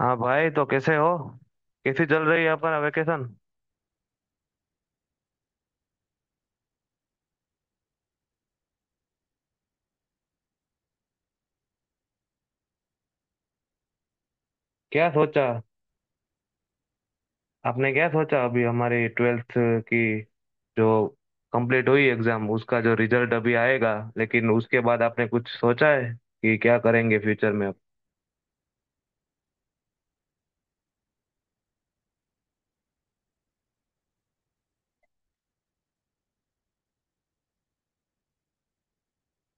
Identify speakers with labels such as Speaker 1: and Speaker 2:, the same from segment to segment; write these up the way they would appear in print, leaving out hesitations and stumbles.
Speaker 1: हाँ भाई, तो कैसे हो? कैसी चल रही है अपना वेकेशन? क्या सोचा आपने क्या सोचा, अभी हमारी ट्वेल्थ की जो कंप्लीट हुई एग्जाम, उसका जो रिजल्ट अभी आएगा, लेकिन उसके बाद आपने कुछ सोचा है कि क्या करेंगे फ्यूचर में आप?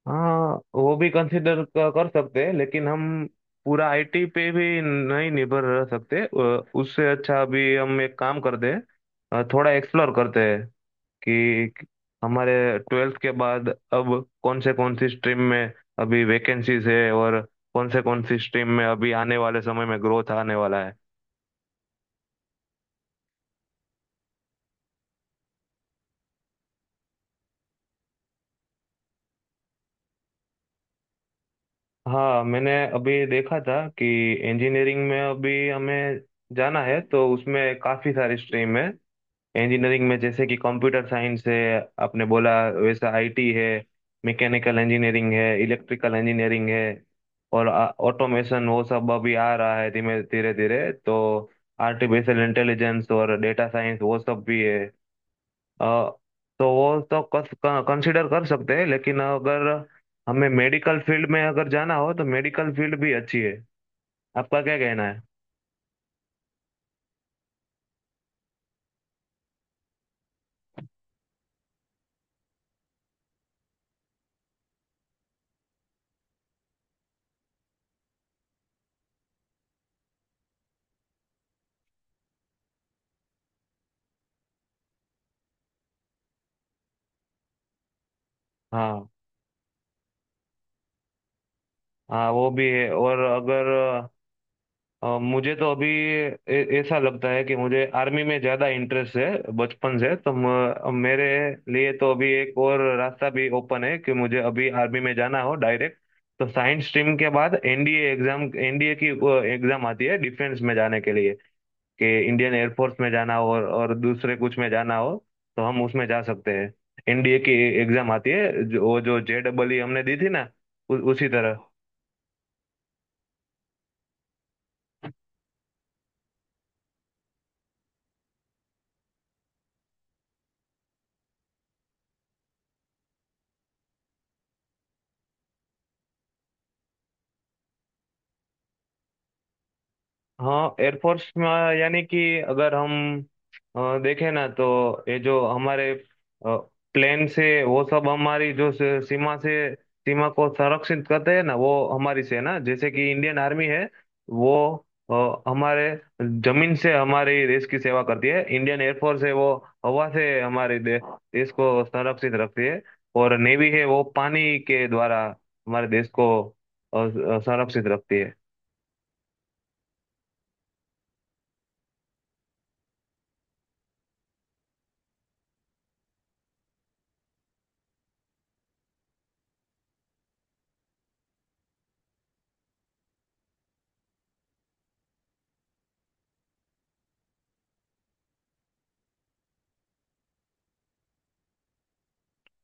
Speaker 1: हाँ, वो भी कंसिडर कर सकते हैं, लेकिन हम पूरा आईटी पे भी नहीं निर्भर रह सकते। उससे अच्छा अभी हम एक काम करते हैं, थोड़ा एक्सप्लोर करते हैं कि हमारे ट्वेल्थ के बाद अब कौन से कौन सी स्ट्रीम में अभी वैकेंसीज है, और कौन से कौन सी स्ट्रीम में अभी आने वाले समय में ग्रोथ आने वाला है। हाँ, मैंने अभी देखा था कि इंजीनियरिंग में अभी हमें जाना है, तो उसमें काफ़ी सारी स्ट्रीम है इंजीनियरिंग में, जैसे कि कंप्यूटर साइंस है, आपने बोला वैसा आईटी है, मैकेनिकल इंजीनियरिंग है, इलेक्ट्रिकल इंजीनियरिंग है, और ऑटोमेशन वो सब अभी आ रहा है धीमे धीरे धीरे। तो आर्टिफिशियल इंटेलिजेंस और डेटा साइंस वो सब भी है। अ, तो वो सब कंसिडर कर सकते हैं, लेकिन अगर हमें मेडिकल फील्ड में अगर जाना हो, तो मेडिकल फील्ड भी अच्छी है। आपका क्या कहना है? हाँ, हाँ, वो भी है। और अगर मुझे तो अभी ऐसा लगता है कि मुझे आर्मी में ज़्यादा इंटरेस्ट है बचपन से। तो मेरे लिए तो अभी एक और रास्ता भी ओपन है कि मुझे अभी आर्मी में जाना हो डायरेक्ट। तो साइंस स्ट्रीम के बाद एनडीए एग्जाम, एनडीए की एग्जाम आती है डिफेंस में जाने के लिए, कि इंडियन एयरफोर्स में जाना हो और दूसरे कुछ में जाना हो, तो हम उसमें जा सकते हैं। एनडीए की एग्जाम आती है जो, वो जो JEE हमने दी थी ना, उसी तरह। हाँ, एयरफोर्स में यानी कि अगर हम देखें ना, तो ये जो हमारे प्लेन से वो सब हमारी जो सीमा से सीमा को संरक्षित करते हैं ना, वो हमारी सेना, जैसे कि इंडियन आर्मी है वो हमारे जमीन से हमारे देश की सेवा करती है। इंडियन एयरफोर्स है वो हवा से हमारे देश को संरक्षित रखती है। और नेवी है वो पानी के द्वारा हमारे देश को संरक्षित रखती है।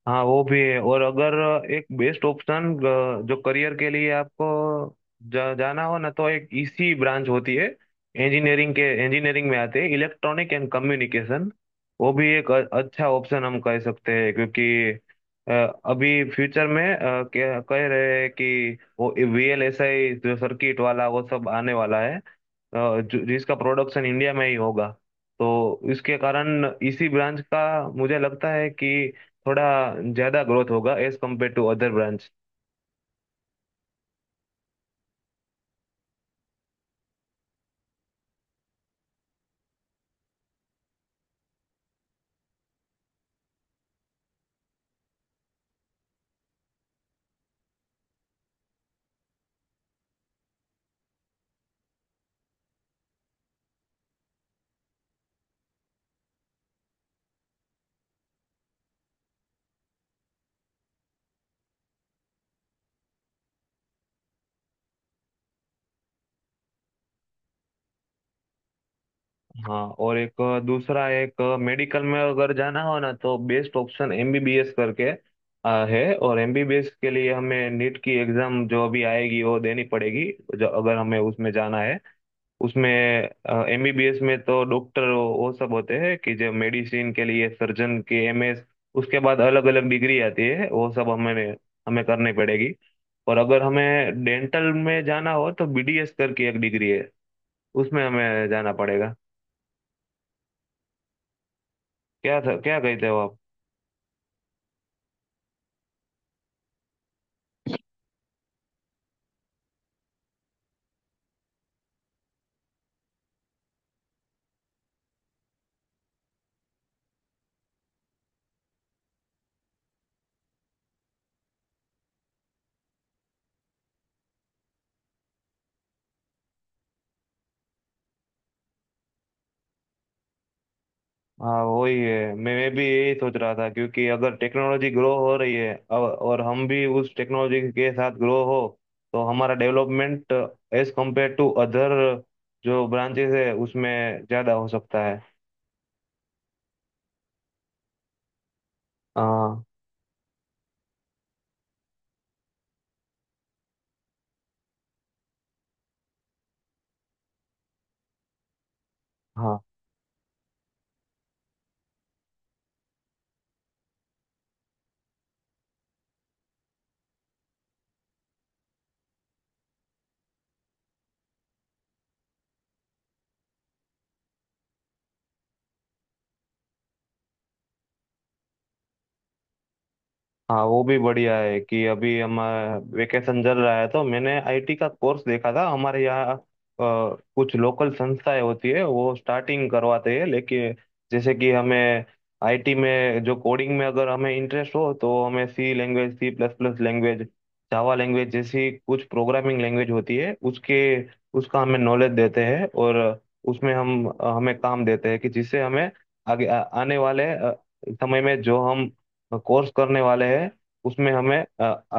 Speaker 1: हाँ, वो भी है। और अगर एक बेस्ट ऑप्शन जो करियर के लिए आपको जाना हो ना, तो एक ईसी ब्रांच होती है इंजीनियरिंग के, इंजीनियरिंग में आते हैं इलेक्ट्रॉनिक एंड कम्युनिकेशन। वो भी एक अच्छा ऑप्शन हम कह सकते हैं, क्योंकि अ, अभी फ्यूचर में कह रहे हैं कि वो वीएलएसआई जो सर्किट वाला वो सब आने वाला है, जिसका प्रोडक्शन इंडिया में ही होगा। तो इसके कारण इसी ब्रांच का मुझे लगता है कि थोड़ा ज्यादा ग्रोथ होगा as compare to other branch. हाँ, और एक दूसरा, एक मेडिकल में अगर जाना हो ना, तो बेस्ट ऑप्शन एमबीबीएस करके है। और एमबीबीएस के लिए हमें नीट की एग्जाम जो अभी आएगी वो देनी पड़ेगी, जो अगर हमें उसमें जाना है। उसमें एमबीबीएस में तो डॉक्टर वो सब होते हैं, कि जो मेडिसिन के लिए सर्जन के एमएस, उसके बाद अलग अलग डिग्री आती है, वो सब हमें हमें करनी पड़ेगी। और अगर हमें डेंटल में जाना हो तो बीडीएस करके एक डिग्री है, उसमें हमें जाना पड़ेगा। क्या कहते हो? हाँ, वही है। मैं भी यही सोच रहा था, क्योंकि अगर टेक्नोलॉजी ग्रो हो रही है अब, और हम भी उस टेक्नोलॉजी के साथ ग्रो हो, तो हमारा development as compare to other जो ब्रांचेस है उसमें ज़्यादा हो सकता है। हाँ। हाँ। हाँ, वो भी बढ़िया है कि अभी हम वेकेशन चल रहा है, तो मैंने आईटी का कोर्स देखा था हमारे यहाँ। कुछ लोकल संस्थाएं होती है, वो स्टार्टिंग करवाते हैं। लेकिन जैसे कि हमें आईटी में जो कोडिंग में अगर हमें इंटरेस्ट हो, तो हमें C language, C plus plus language, Java language जैसी कुछ प्रोग्रामिंग लैंग्वेज होती है, उसके उसका हमें नॉलेज देते हैं। और उसमें हम हमें काम देते हैं, कि जिससे हमें आगे आने वाले समय में जो हम कोर्स करने वाले हैं, उसमें हमें अ, अ,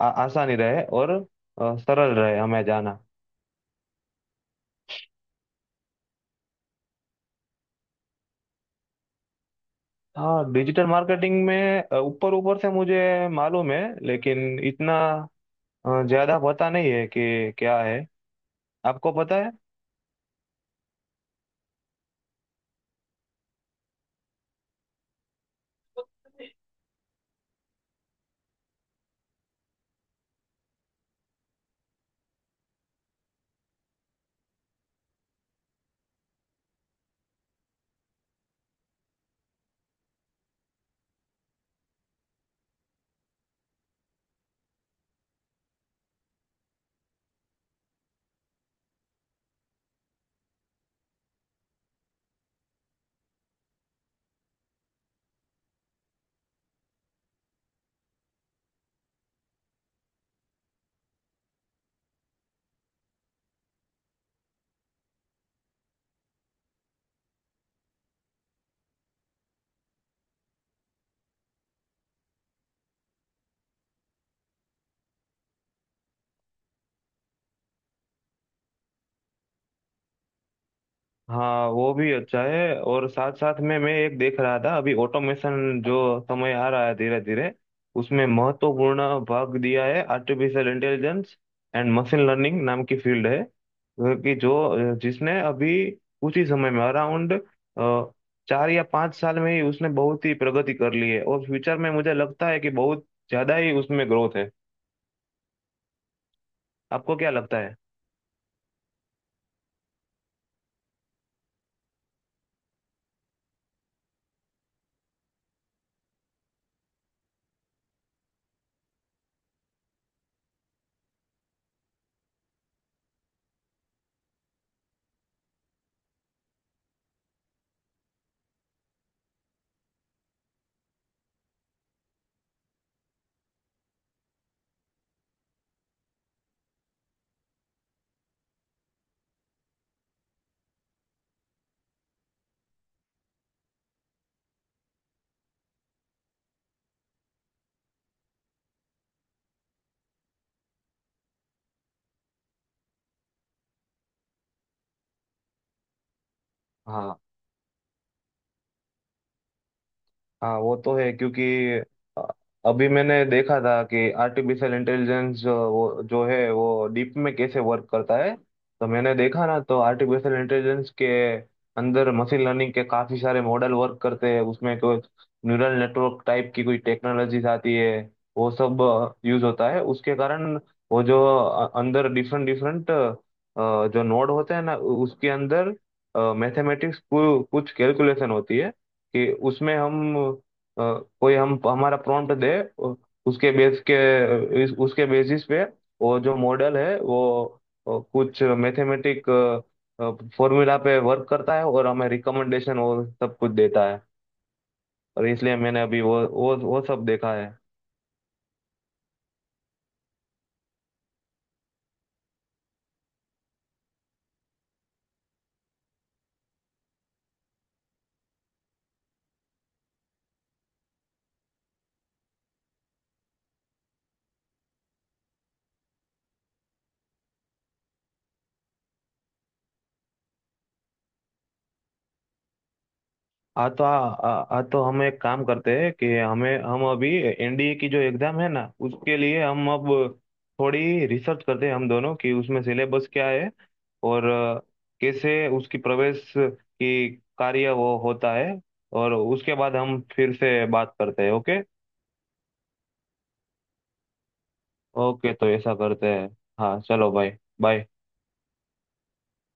Speaker 1: आ- आसानी रहे, और सरल रहे हमें जाना। हाँ, डिजिटल मार्केटिंग में ऊपर ऊपर से मुझे मालूम है, लेकिन इतना ज्यादा पता नहीं है कि क्या है। आपको पता है? हाँ, वो भी अच्छा है। और साथ साथ में मैं एक देख रहा था, अभी ऑटोमेशन जो समय आ रहा है धीरे धीरे, उसमें महत्वपूर्ण भाग दिया है artificial intelligence and machine learning नाम की फील्ड है। क्योंकि जो जिसने अभी कुछ ही समय में अराउंड 4 या 5 साल में ही उसने बहुत ही प्रगति कर ली है, और फ्यूचर में मुझे लगता है कि बहुत ज्यादा ही उसमें ग्रोथ है। आपको क्या लगता है? हाँ, हाँ, वो तो है। क्योंकि अ, अभी मैंने देखा था कि आर्टिफिशियल इंटेलिजेंस वो जो है वो डीप में कैसे वर्क करता है। तो मैंने देखा ना तो आर्टिफिशियल इंटेलिजेंस के अंदर मशीन लर्निंग के काफी सारे मॉडल वर्क करते हैं, उसमें कोई न्यूरल नेटवर्क टाइप की कोई टेक्नोलॉजीज आती है, वो सब यूज होता है। उसके कारण वो जो अंदर डिफरेंट डिफरेंट जो नोड होते हैं ना, उसके अंदर मैथमेटिक्स, कुछ कैलकुलेशन होती है। कि उसमें हम अ, कोई हम हमारा प्रॉम्प्ट दे, उ- उसके बेस के उसके बेसिस पे वो जो मॉडल है वो कुछ मैथमेटिक फॉर्मूला पे वर्क करता है, और हमें रिकमेंडेशन और सब कुछ देता है। और इसलिए मैंने अभी वो सब देखा है। हाँ, तो आ, आ, तो हम एक काम करते हैं कि हमें, हम अभी एनडीए की जो एग्जाम है ना, उसके लिए हम अब थोड़ी रिसर्च करते हैं हम दोनों कि उसमें सिलेबस क्या है, और कैसे उसकी प्रवेश की कार्य वो होता है। और उसके बाद हम फिर से बात करते हैं। ओके। ओके, तो ऐसा करते हैं। हाँ, चलो भाई। बाय।